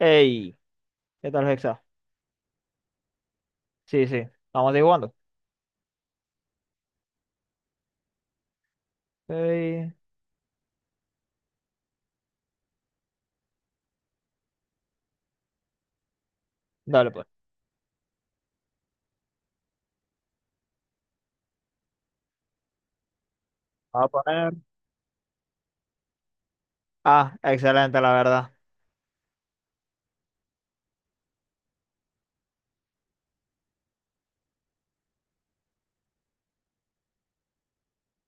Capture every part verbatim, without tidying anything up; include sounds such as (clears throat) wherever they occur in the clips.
Ey, ¿qué tal, Hexa? Sí, sí, vamos a ir jugando. Ey, dale, pues. Vamos a poner. Ah, excelente, la verdad.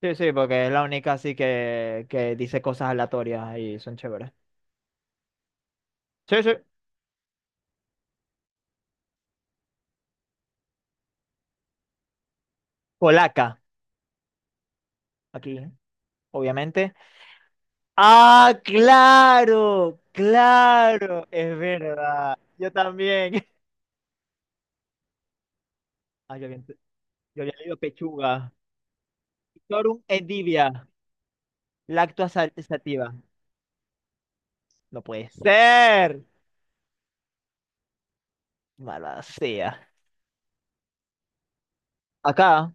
Sí, sí, porque es la única así que, que dice cosas aleatorias y son chéveres. Sí, sí. Polaca, aquí, obviamente. ¡Ah, claro! ¡Claro! Es verdad. Yo también. (laughs) Ah, yo había, yo había leído pechuga. Victorum endivia. Lactosa sativa. No puede ser. Mala sea. Acá.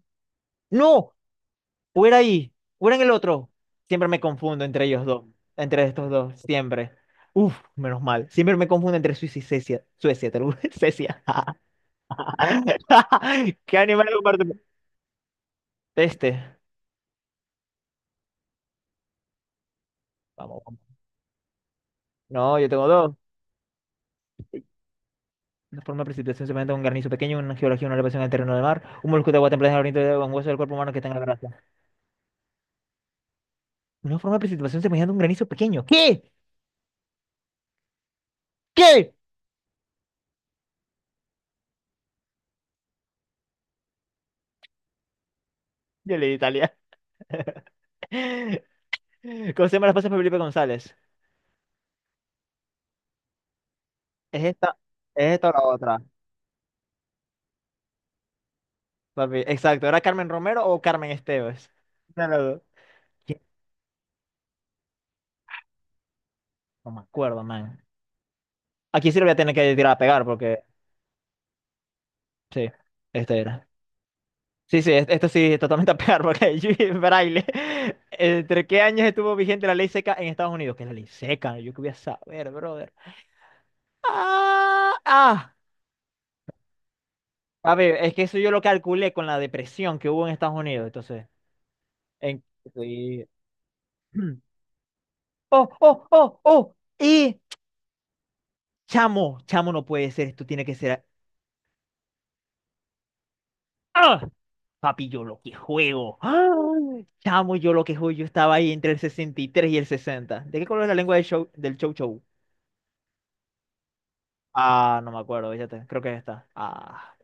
No, o era ahí, o era en el otro. Siempre me confundo entre ellos dos, entre estos dos, siempre. Uf, menos mal. Siempre me confundo entre Suiza y Suecia. Suecia, te lo juro, (laughs) Suecia. (laughs) ¿Qué animal comparte? Este. Vamos, vamos. No, yo tengo dos. Una forma de precipitación se presenta un granizo pequeño, una geología, una elevación del terreno del mar, un molusco de agua templada en el oriente de un hueso del cuerpo humano que está en la gracia. Una forma de precipitación semejante a un granizo pequeño. ¿Qué? ¿Qué? Yo leí Italia. (laughs) ¿Cómo se llama la esposa de Felipe González? Es esta, es esta o la otra. Papi. Exacto, ¿era Carmen Romero o Carmen Esteves? Una de las dos. No me acuerdo, man. Aquí sí lo voy a tener que tirar a pegar porque. Sí, este era. Sí, sí, es- esto sí, totalmente a pegar porque (laughs) Judy Braille. ¿Entre qué años estuvo vigente la ley seca en Estados Unidos? ¿Qué es la ley seca? Yo qué voy a saber, brother. ¡Ah! ¡Ah! A ver, es que eso yo lo calculé con la depresión que hubo en Estados Unidos, entonces. En... sí. (clears throat) ¡Oh, oh, oh, oh! Y chamo, chamo, no puede ser, esto tiene que ser. ¡Ah! Papi, yo lo que juego. ¡Ah! Chamo, yo lo que juego. Yo estaba ahí entre el sesenta y tres y el sesenta. ¿De qué color es la lengua del show, del Chow Chow? Ah, no me acuerdo, fíjate. Creo que está. Ah,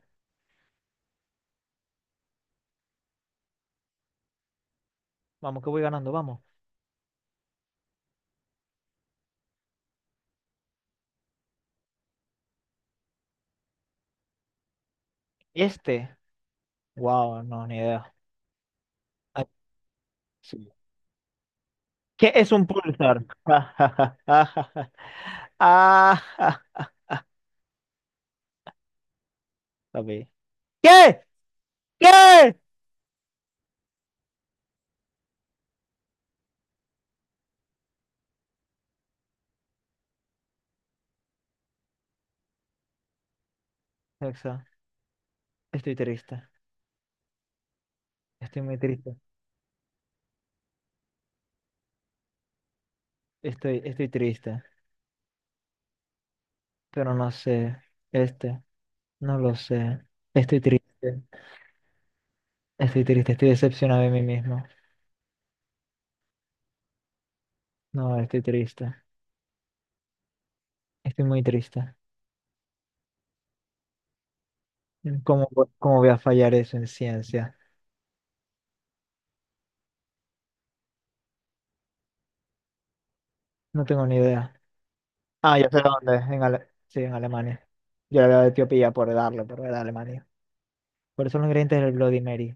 vamos, que voy ganando, vamos. Este. Wow, no, ni idea. Ah, sí. ¿Qué es un pulsar? (laughs) Ah, ah, papi. ¿Qué? ¿Qué? Exacto. Estoy triste. Estoy muy triste. Estoy, estoy triste. Pero no sé, este, no lo sé. Estoy triste, estoy triste, estoy decepcionado de mí mismo. No, estoy triste, estoy muy triste. ¿Cómo, vo- cómo voy a fallar eso en ciencia? No tengo ni idea. Ah, ya sé dónde, en Ale- sí, en Alemania. Yo le había de Etiopía por darle, pero era Alemania. Por eso los ingredientes del Bloody Mary.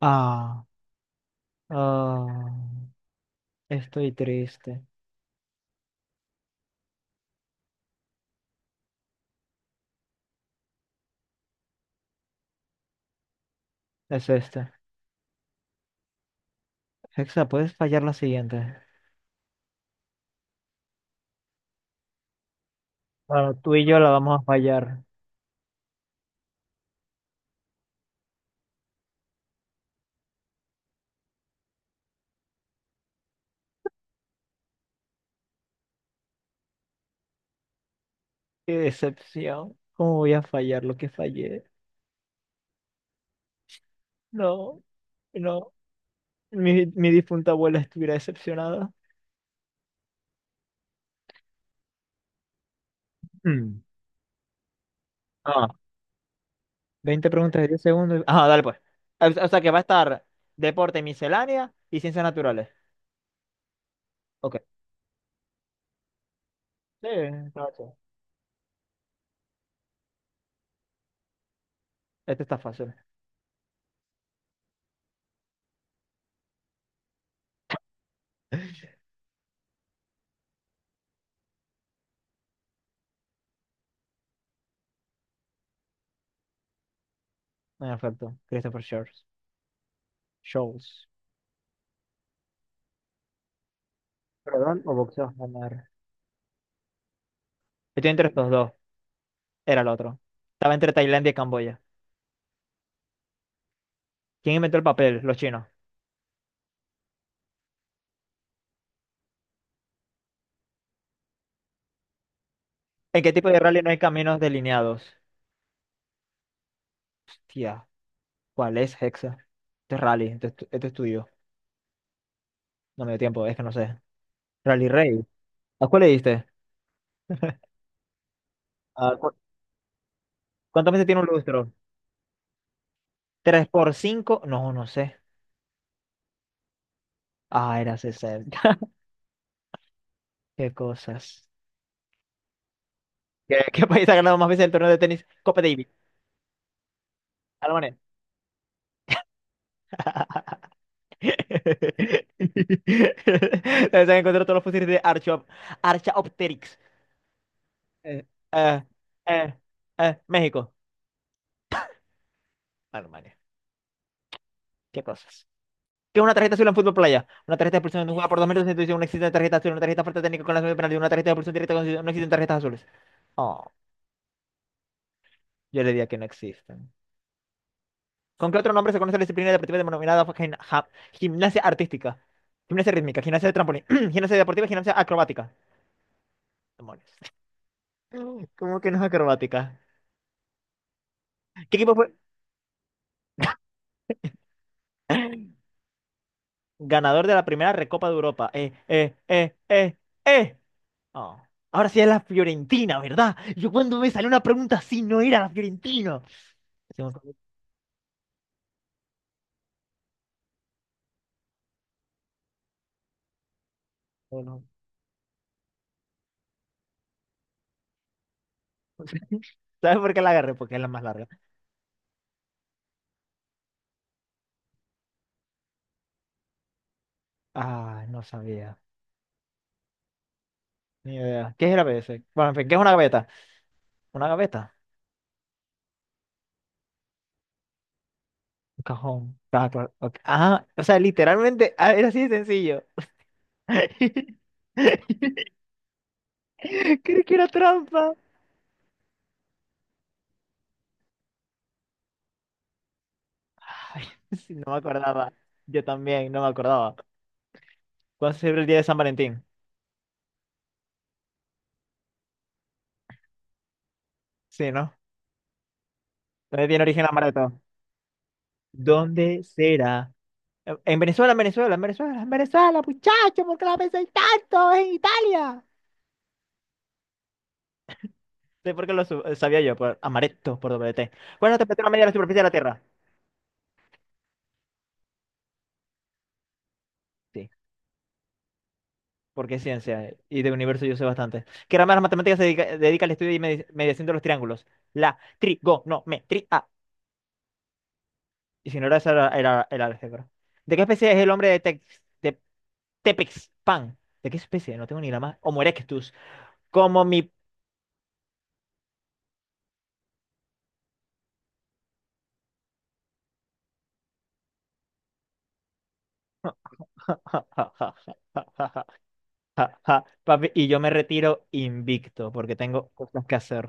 Ah, ah, estoy triste. Es este. Hexa, ¿puedes fallar la siguiente? Bueno, tú y yo la vamos a fallar. Qué decepción. ¿Cómo voy a fallar lo que fallé? No, no. Mi, mi difunta abuela estuviera decepcionada. Mm. Ah, ¿veinte preguntas de diez segundos? Ah, dale pues. O, o sea que va a estar deporte, miscelánea y ciencias naturales. Ok. Sí, está fácil. Este está fácil. No, me faltó. Christopher Shaws. Shows. ¿Perdón o boxeo? Ganar. Estoy entre estos dos. Era el otro. Estaba entre Tailandia y Camboya. ¿Quién inventó el papel? Los chinos. ¿En qué tipo de rally no hay caminos delineados? Tía. ¿Cuál es Hexa? Este es Rally, este, es tu- este es tuyo. No me dio tiempo, es que no sé. Rally Rey. ¿A cuál le diste? ¿A cu- ¿Cuántas veces tiene un lustro? ¿Tres por cinco? No, no sé. Ah, era sesenta. (laughs) Qué cosas. ¿Qué, qué país ha ganado más veces el torneo de tenis? Copa Davis. Alemania. (laughs) Debes haber encontrado todos los fósiles de Archop Archaopteryx. Eh, eh, eh, eh, México. Alemania. Qué cosas. ¿Qué es una tarjeta azul en fútbol playa? Una tarjeta de expulsión jugada por dos metros sin intuición, una existe tarjeta azul, una tarjeta falta técnica con la de penalti, una tarjeta de expulsión directa con no existen tarjetas azules. Oh, yo le diría que no existen. ¿Con qué otro nombre se conoce la disciplina deportiva denominada gim- ja- gimnasia artística? Gimnasia rítmica, gimnasia de trampolín, (clears throat) gimnasia deportiva, y gimnasia acrobática. Demonios. (laughs) ¿Cómo que no es acrobática? ¿Qué equipo fue ganador de la primera Recopa de Europa? Eh, eh, eh, eh, eh. Oh, ahora sí es la Fiorentina, ¿verdad? Yo cuando me salió una pregunta así no era la Fiorentina. Sí, un solo. (laughs) ¿Sabes por qué la agarré? Porque es la más larga. Ah, no sabía. Ni idea. ¿Qué es la P C? Bueno, en fin, ¿qué es una gaveta? Una gaveta. Un cajón. Ah, claro, ok. Ah, o sea, literalmente ah, era así de sencillo. (laughs) Creí que era trampa. Ay, (laughs) sí, no me acordaba. Yo también, no me acordaba. ¿Cuándo se celebra el día de San Valentín? Sí, ¿no? ¿Dónde tiene origen la Amaretto? ¿Dónde será? En Venezuela, en Venezuela, en Venezuela, en Venezuela, muchacho, ¿por qué la pensáis tanto? Es en Italia. Sí, porque lo su- sabía yo, por amaretto, por doble T. ¿Cuál es la temperatura media de la superficie de la Tierra? Sí, porque es ciencia, eh, y de universo yo sé bastante. ¿Qué rama de las matemáticas se dedica, dedica al estudio y medi- mediación de los triángulos? La trigonometría. Y si no era esa, era, era- era álgebra. ¿De qué especie es el hombre de Tex, de Tepexpan? ¿De qué especie? No tengo ni la más. Homo erectus. Como mi... (laughs) Ja, ja, papi, y yo me retiro invicto porque tengo cosas que hacer.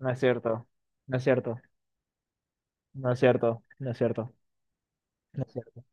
No es cierto, no es cierto, no es cierto, no es cierto, no es cierto.